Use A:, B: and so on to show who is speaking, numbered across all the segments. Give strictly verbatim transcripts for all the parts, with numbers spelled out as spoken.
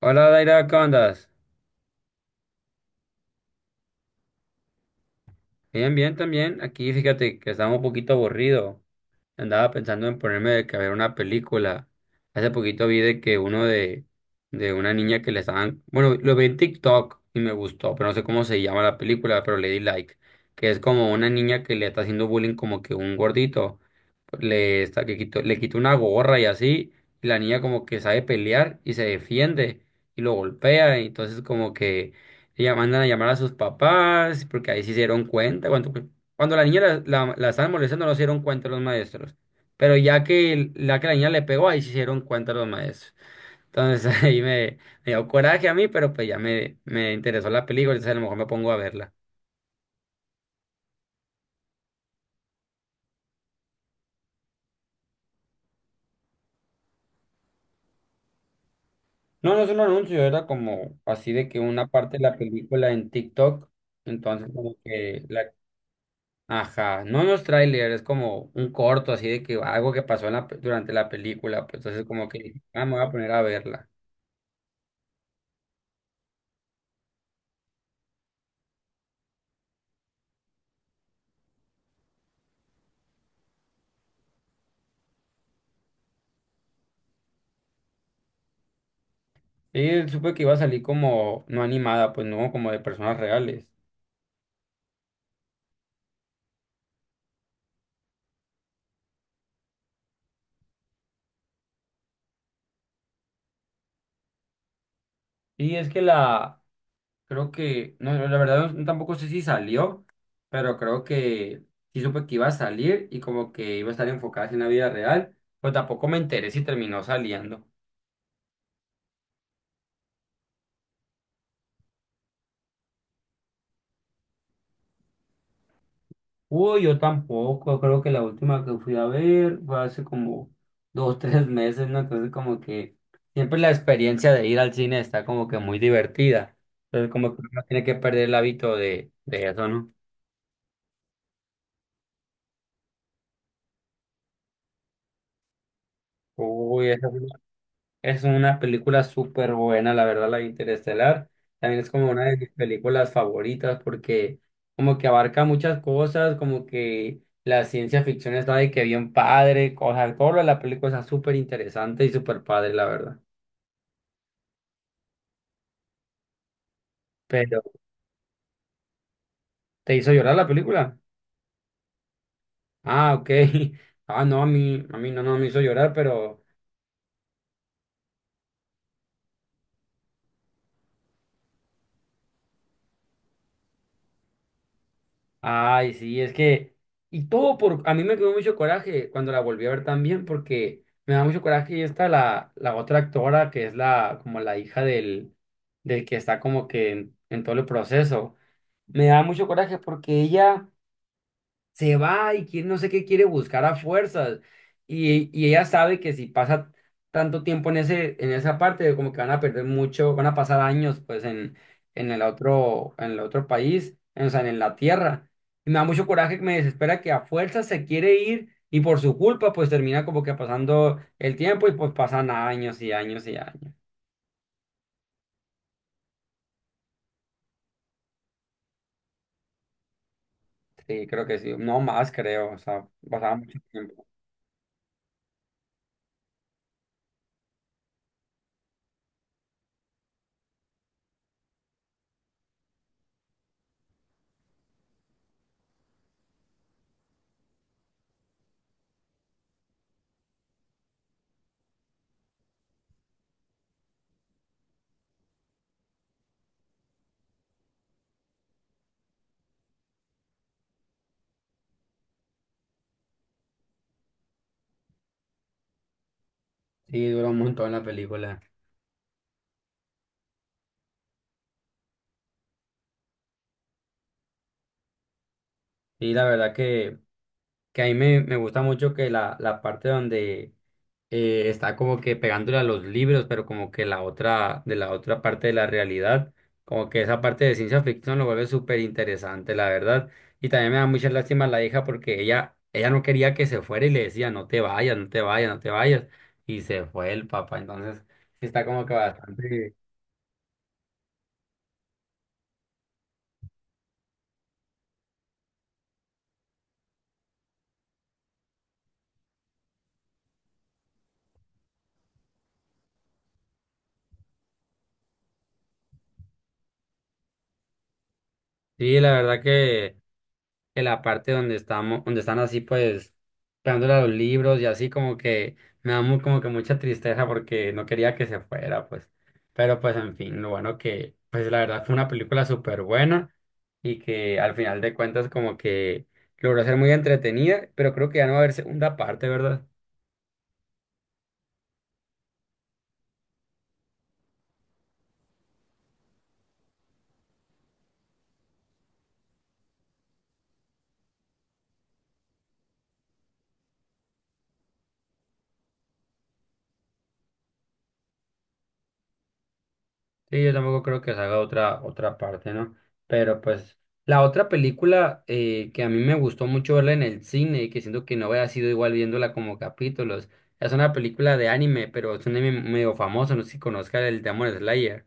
A: Hola, Daira, ¿cómo andas? Bien, bien, también. Aquí fíjate que estaba un poquito aburrido. Andaba pensando en ponerme de que a ver una película. Hace poquito vi de que uno de, de una niña que le estaban. Bueno, lo vi en TikTok y me gustó, pero no sé cómo se llama la película, pero le di like. Que es como una niña que le está haciendo bullying como que un gordito. Le, está, que quito- le quita una gorra y así, y la niña como que sabe pelear y se defiende y lo golpea, y entonces como que ella mandan a llamar a sus papás, porque ahí sí se dieron cuenta, cuando, cuando, la niña la, la, la estaban molestando no se dieron cuenta los maestros, pero ya que, el- la que la niña le pegó, ahí sí se dieron cuenta los maestros. Entonces ahí me, me, dio coraje a mí, pero pues ya me, me interesó la película, entonces a lo mejor me pongo a verla. No, no es un anuncio, era como así de que una parte de la película en TikTok, entonces como que la, ajá, no no es tráiler, es como un corto así de que algo que pasó en la pe- durante la película, pues entonces como que dije, ah, me voy a poner a verla. Y supe que iba a salir como no animada, pues no como de personas reales. Y es que la. Creo que, no, la verdad no- tampoco sé si salió, pero creo que sí supe que iba a salir y como que iba a estar enfocada en la vida real, pero tampoco me enteré si terminó saliendo. Uy, yo tampoco, creo que la última que fui a ver fue hace como dos, tres meses, ¿no? Entonces como que siempre la experiencia de ir al cine está como que muy divertida. Entonces como que uno no tiene que perder el hábito de, de, eso, ¿no? Uy, eso. Es una película súper buena, la verdad, la de Interestelar. También es como una de mis películas favoritas porque como que abarca muchas cosas, como que la ciencia ficción está de que bien padre, o sea todo lo de la película está súper interesante y súper padre, la verdad. Pero, ¿te hizo llorar la película? Ah, ok. Ah, no, a mí, a mí, no, no me hizo llorar, pero... Ay, sí, es que, y todo por, a mí me quedó mucho coraje cuando la volví a ver también, porque me da mucho coraje y está la, la, otra actora que es la, como la hija del, del, que está como que en, en todo el proceso. Me da mucho coraje porque ella se va y quién no sé qué quiere buscar a fuerzas. Y, y ella sabe que si pasa tanto tiempo en ese, en esa parte, como que van a perder mucho, van a pasar años pues en, en el otro, en el otro país, en, o sea, en la tierra. Y me da mucho coraje que me desespera que a fuerzas se quiere ir y por su culpa pues termina como que pasando el tiempo y pues pasan años y años y años. Sí, creo que sí, no más creo, o sea, pasaba mucho tiempo. Sí, duró un montón la película. Y la verdad que que a mí me, me gusta mucho que la, la parte donde eh, está como que pegándole a los libros, pero como que la otra, de la otra parte de la realidad, como que esa parte de ciencia ficción lo vuelve súper interesante, la verdad. Y también me da mucha lástima la hija porque ella, ella no quería que se fuera y le decía, no te vayas, no te vayas, no te vayas. Y se fue el papá, entonces sí está como que bastante... Sí, la verdad que... en la parte donde estamos, donde están así pues pegándole a los libros y así como que me da muy, como que mucha tristeza porque no quería que se fuera, pues. Pero pues en fin, lo bueno que pues la verdad fue una película súper buena y que al final de cuentas como que logró ser muy entretenida, pero creo que ya no va a haber segunda parte, ¿verdad? Sí, yo tampoco creo que salga otra, otra, parte, ¿no? Pero pues la otra película eh, que a mí me gustó mucho verla en el cine y que siento que no había sido igual viéndola como capítulos, es una película de anime, pero es un anime medio famoso, no sé si conozcas el Demon Slayer.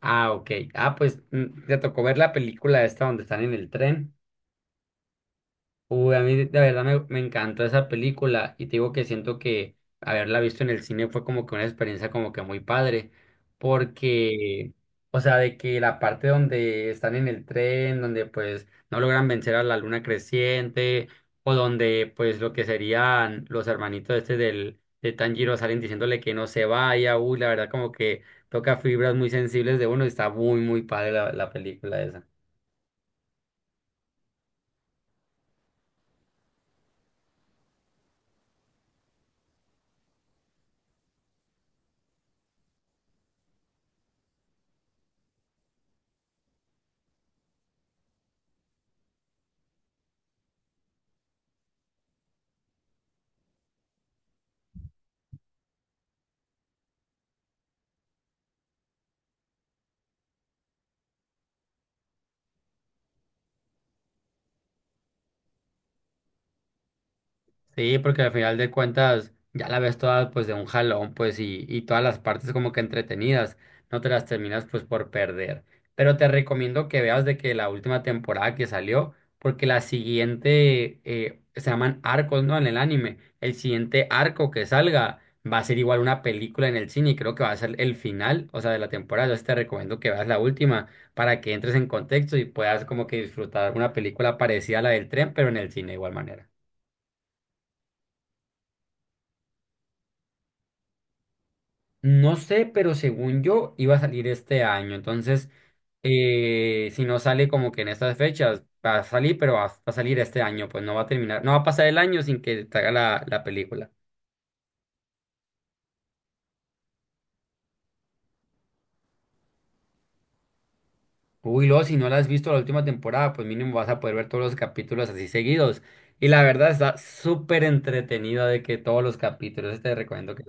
A: Ah, ok. Ah, pues mm, te tocó ver la película esta donde están en el tren. Uy, a mí de de verdad me, me encantó esa película y te digo que siento que haberla visto en el cine fue como que una experiencia como que muy padre, porque, o sea, de que la parte donde están en el tren, donde pues no logran vencer a la luna creciente, o donde pues lo que serían los hermanitos este del, de Tanjiro salen diciéndole que no se vaya, uy, la verdad como que toca fibras muy sensibles de uno y está muy, muy padre la, la película esa. Sí, porque al final de cuentas ya la ves toda pues de un jalón pues y, y todas las partes como que entretenidas, no te las terminas pues por perder. Pero te recomiendo que veas de que la última temporada que salió, porque la siguiente eh, se llaman arcos, ¿no? En el anime, el siguiente arco que salga va a ser igual una película en el cine y creo que va a ser el final, o sea, de la temporada. Entonces te recomiendo que veas la última para que entres en contexto y puedas como que disfrutar una película parecida a la del tren, pero en el cine de igual manera. No sé, pero según yo iba a salir este año. Entonces, eh, si no sale como que en estas fechas, va a salir, pero va, va a salir este año. Pues no va a terminar, no va a pasar el año sin que te haga la, la, película. Uy, luego, si no la has visto la última temporada, pues mínimo vas a poder ver todos los capítulos así seguidos. Y la verdad está súper entretenida de que todos los capítulos, te recomiendo que...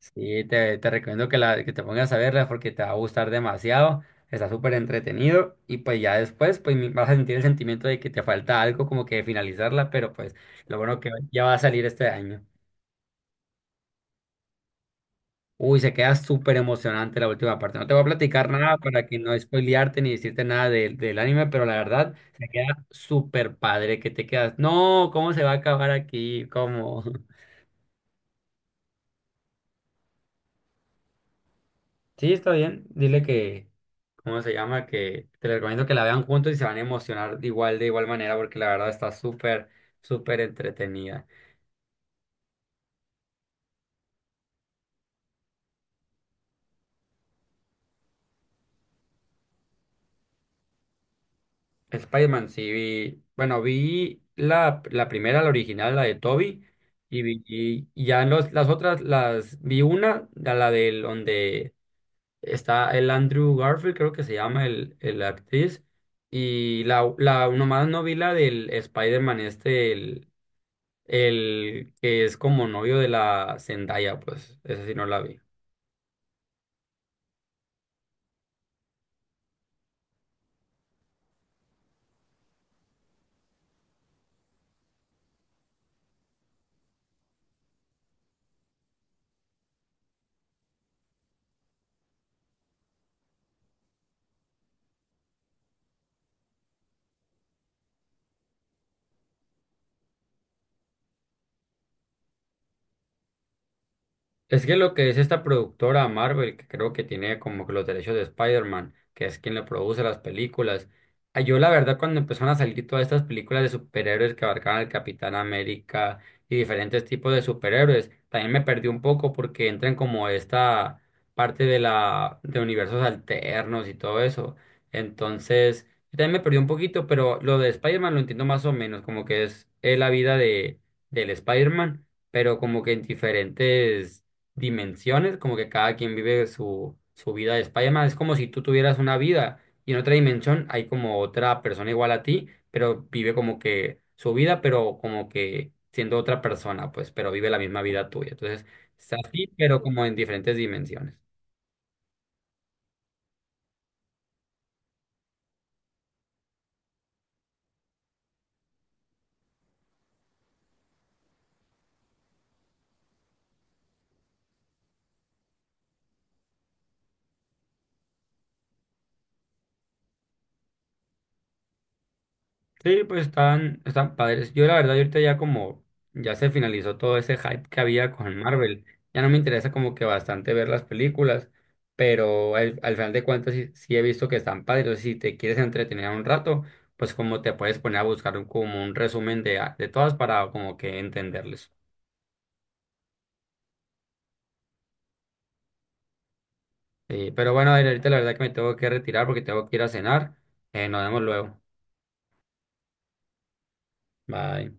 A: Sí, te, te recomiendo que, la, que te pongas a verla porque te va a gustar demasiado. Está súper entretenido y pues ya después pues mi- vas a sentir el sentimiento de que te falta algo como que finalizarla, pero pues lo bueno que ya va a salir este año. Uy, se queda súper emocionante la última parte. No te voy a platicar nada para que no spoilearte ni decirte nada del del anime, pero la verdad se queda súper padre que te quedas. No, ¿cómo se va a acabar aquí? ¿Cómo? Sí, está bien. Dile que, ¿cómo se llama? Que te les recomiendo que la vean juntos y se van a emocionar igual, de igual manera, porque la verdad está súper, súper entretenida. Spider-Man, sí vi, bueno, vi la, la, primera, la original, la de Toby, y vi y ya los, las otras, las vi una, la, la del donde está el Andrew Garfield, creo que se llama el, el, actriz, y la, la nomás no vi la del Spider-Man este, el que es como novio de la Zendaya, pues, esa sí no la vi. Es que lo que es esta productora Marvel, que creo que tiene como que los derechos de Spider-Man, que es quien le produce las películas. Ah, yo la verdad cuando empezaron a salir todas estas películas de superhéroes que abarcaban al Capitán América y diferentes tipos de superhéroes, también me perdí un poco porque entran como esta parte de la de universos alternos y todo eso. Entonces, yo también me perdí un poquito, pero lo de Spider-Man lo entiendo más o menos, como que es, es, la vida de del Spider-Man pero como que en diferentes dimensiones, como que cada quien vive su, su vida de Spider-Man. Es como si tú tuvieras una vida y en otra dimensión hay como otra persona igual a ti, pero vive como que su vida, pero como que siendo otra persona, pues, pero vive la misma vida tuya. Entonces, es así, pero como en diferentes dimensiones. Sí, pues están, están, padres. Yo la verdad, yo ahorita ya como ya se finalizó todo ese hype que había con Marvel, ya no me interesa como que bastante ver las películas, pero al, al final de cuentas sí, sí he visto que están padres. Entonces, si te quieres entretener un rato, pues como te puedes poner a buscar un- como un resumen de, a- de todas para como que entenderles. Sí, pero bueno, a ver, ahorita la verdad que me tengo que retirar porque tengo que ir a cenar. Eh, nos vemos luego. Bye.